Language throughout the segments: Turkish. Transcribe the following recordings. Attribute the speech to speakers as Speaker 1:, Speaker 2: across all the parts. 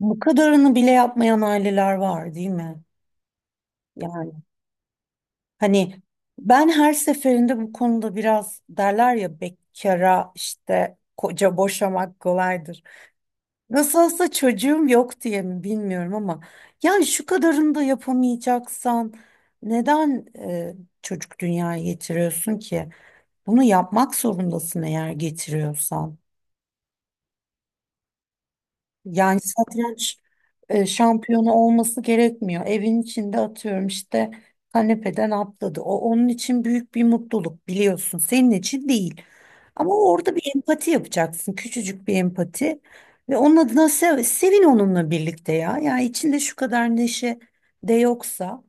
Speaker 1: Bu kadarını bile yapmayan aileler var, değil mi? Yani hani ben her seferinde bu konuda biraz derler ya bekara işte koca boşamak kolaydır. Nasıl olsa çocuğum yok diye mi bilmiyorum ama yani şu kadarını da yapamayacaksan neden çocuk dünyaya getiriyorsun ki? Bunu yapmak zorundasın eğer getiriyorsan. Yani satranç şampiyonu olması gerekmiyor. Evin içinde atıyorum işte kanepeden atladı. O onun için büyük bir mutluluk biliyorsun. Senin için değil. Ama orada bir empati yapacaksın. Küçücük bir empati. Ve onun adına sevin onunla birlikte ya. Yani içinde şu kadar neşe de yoksa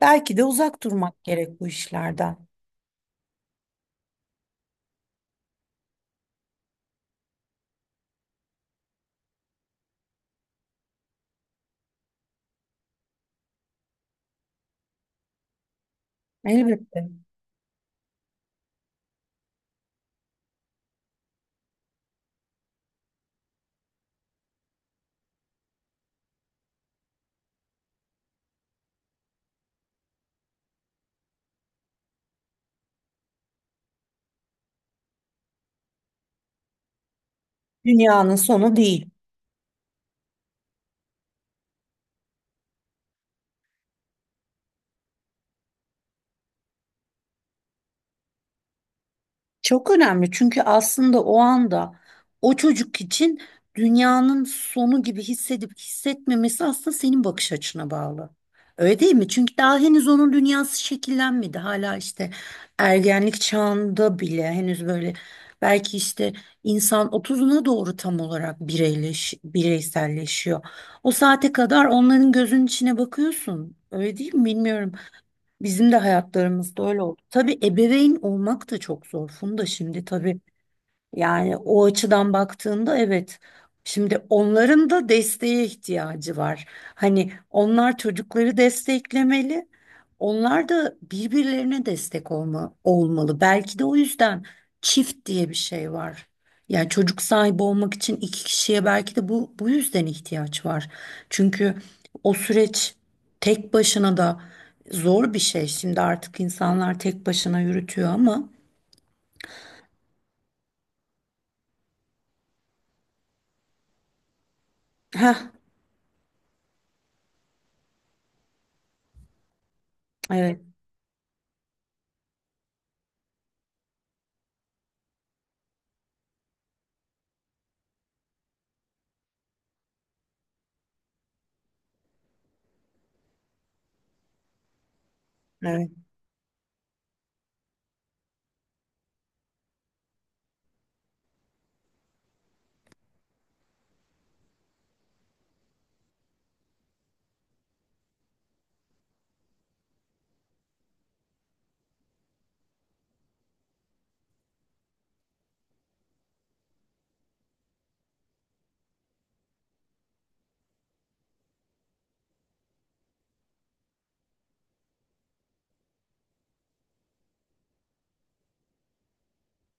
Speaker 1: belki de uzak durmak gerek bu işlerden. Elbette. Dünyanın sonu değil. Çok önemli çünkü aslında o anda o çocuk için dünyanın sonu gibi hissedip hissetmemesi aslında senin bakış açına bağlı. Öyle değil mi? Çünkü daha henüz onun dünyası şekillenmedi. Hala işte ergenlik çağında bile henüz böyle belki işte insan 30'una doğru tam olarak bireyselleşiyor. O saate kadar onların gözünün içine bakıyorsun. Öyle değil mi? Bilmiyorum. Bizim de hayatlarımızda öyle oldu. Tabii ebeveyn olmak da çok zor. Funda şimdi tabii yani o açıdan baktığında evet. Şimdi onların da desteğe ihtiyacı var. Hani onlar çocukları desteklemeli. Onlar da birbirlerine destek olmalı. Belki de o yüzden çift diye bir şey var. Yani çocuk sahibi olmak için iki kişiye belki de bu yüzden ihtiyaç var. Çünkü o süreç tek başına da zor bir şey. Şimdi artık insanlar tek başına yürütüyor ama. Heh, evet, evet,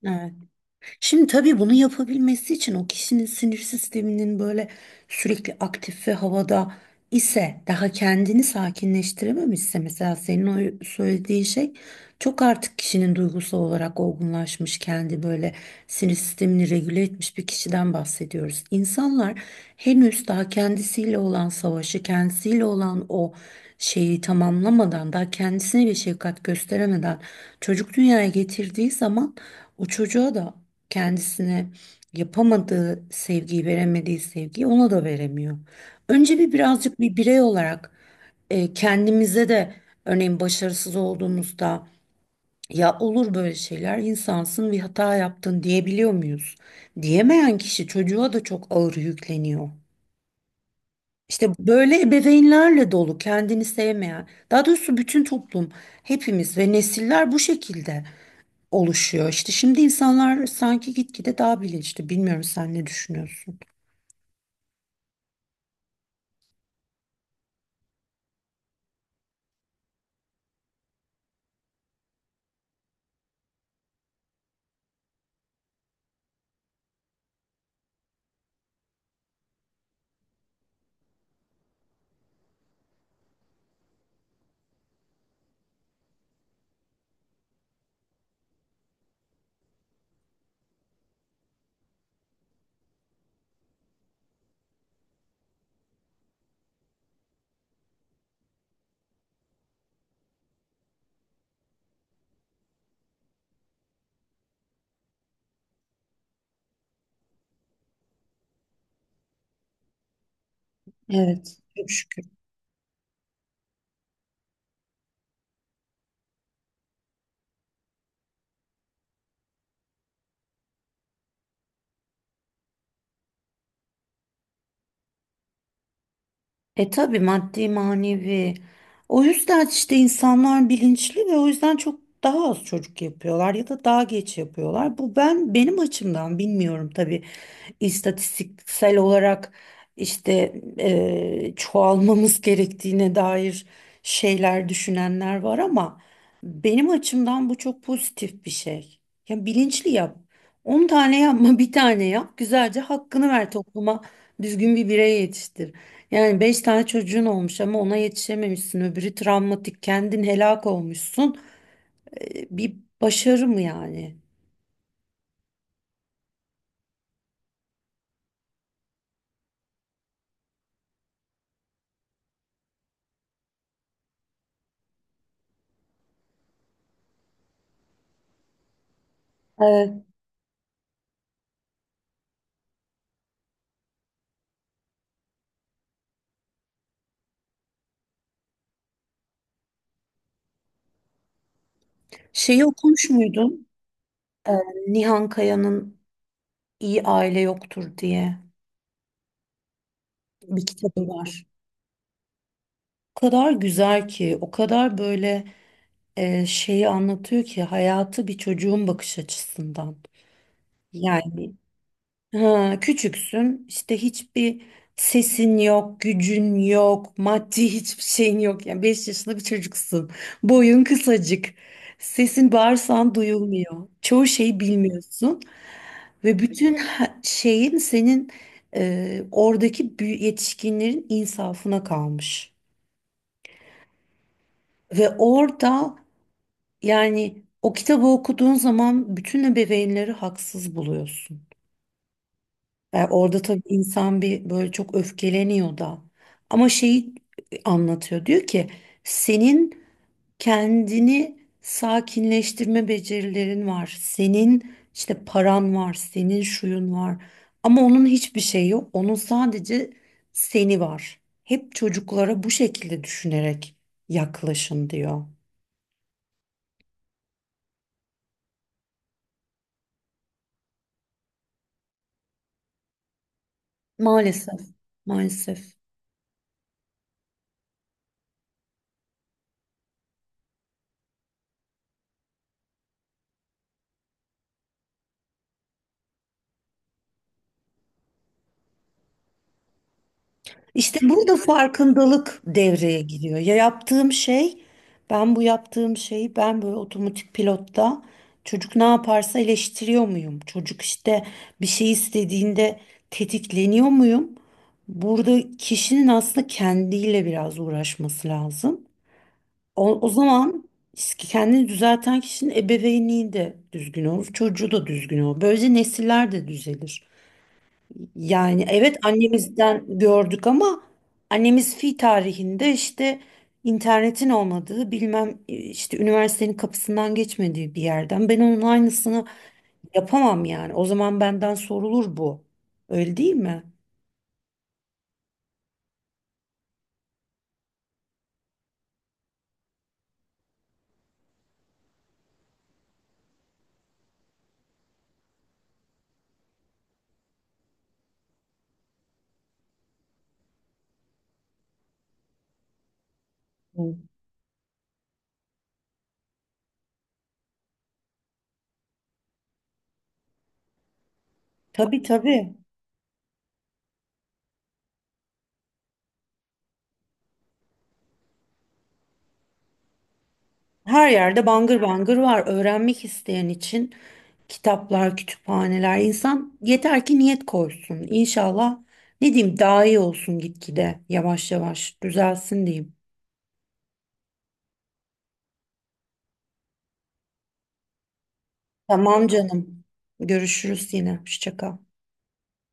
Speaker 1: evet. Şimdi tabii bunu yapabilmesi için o kişinin sinir sisteminin böyle sürekli aktif ve havada ise daha kendini sakinleştirememişse mesela senin o söylediğin şey çok artık kişinin duygusal olarak olgunlaşmış kendi böyle sinir sistemini regüle etmiş bir kişiden bahsediyoruz. İnsanlar henüz daha kendisiyle olan savaşı, kendisiyle olan o şeyi tamamlamadan, daha kendisine bir şefkat gösteremeden çocuk dünyaya getirdiği zaman o çocuğa da kendisine yapamadığı sevgiyi, veremediği sevgiyi ona da veremiyor. Önce bir birazcık bir birey olarak kendimize de örneğin başarısız olduğumuzda ya olur böyle şeyler insansın bir hata yaptın diyebiliyor muyuz? Diyemeyen kişi çocuğa da çok ağır yükleniyor. İşte böyle ebeveynlerle dolu kendini sevmeyen, daha doğrusu bütün toplum, hepimiz ve nesiller bu şekilde oluşuyor. İşte şimdi insanlar sanki gitgide daha bilinçli. Bilmiyorum sen ne düşünüyorsun? Evet. Çok şükür. E tabii maddi manevi. O yüzden işte insanlar bilinçli ve o yüzden çok daha az çocuk yapıyorlar ya da daha geç yapıyorlar. Bu ben benim açımdan bilmiyorum tabii istatistiksel olarak işte çoğalmamız gerektiğine dair şeyler düşünenler var ama benim açımdan bu çok pozitif bir şey. Ya bilinçli yap. 10 tane yapma, bir tane yap. Güzelce hakkını ver topluma. Düzgün bir birey yetiştir. Yani beş tane çocuğun olmuş ama ona yetişememişsin. Öbürü travmatik, kendin helak olmuşsun. Bir başarı mı yani? Ee, Şeyi okumuş muydun? Ee, Nihan Kaya'nın İyi Aile Yoktur diye bir kitabı var. O kadar güzel ki, o kadar böyle şeyi anlatıyor ki hayatı bir çocuğun bakış açısından. Yani ha, küçüksün işte hiçbir sesin yok, gücün yok, maddi hiçbir şeyin yok. Yani 5 yaşında bir çocuksun. Boyun kısacık. Sesin bağırsan duyulmuyor. Çoğu şeyi bilmiyorsun ve bütün şeyin senin oradaki yetişkinlerin insafına kalmış. Ve orada yani o kitabı okuduğun zaman bütün ebeveynleri haksız buluyorsun. E, orada tabii insan bir böyle çok öfkeleniyor da. Ama şeyi anlatıyor. Diyor ki senin kendini sakinleştirme becerilerin var. Senin işte paran var, senin şuyun var. Ama onun hiçbir şeyi yok. Onun sadece seni var. Hep çocuklara bu şekilde düşünerek yaklaşın diyor. Maalesef, maalesef. İşte burada farkındalık devreye giriyor. Ya yaptığım şey, ben bu yaptığım şeyi ben böyle otomatik pilotta çocuk ne yaparsa eleştiriyor muyum? Çocuk işte bir şey istediğinde tetikleniyor muyum? Burada kişinin aslında kendiyle biraz uğraşması lazım. O zaman kendini düzelten kişinin ebeveynliği de düzgün olur, çocuğu da düzgün olur. Böylece nesiller de düzelir. Yani evet annemizden gördük ama annemiz fi tarihinde işte internetin olmadığı bilmem işte üniversitenin kapısından geçmediği bir yerden ben onun aynısını yapamam yani. O zaman benden sorulur bu. Öyle değil mi? Hı. Tabii tabii. Her yerde bangır bangır var. Öğrenmek isteyen için kitaplar, kütüphaneler. İnsan yeter ki niyet koysun. İnşallah ne diyeyim daha iyi olsun gitgide. Yavaş yavaş düzelsin diyeyim. Tamam canım. Görüşürüz yine. Hoşça kal.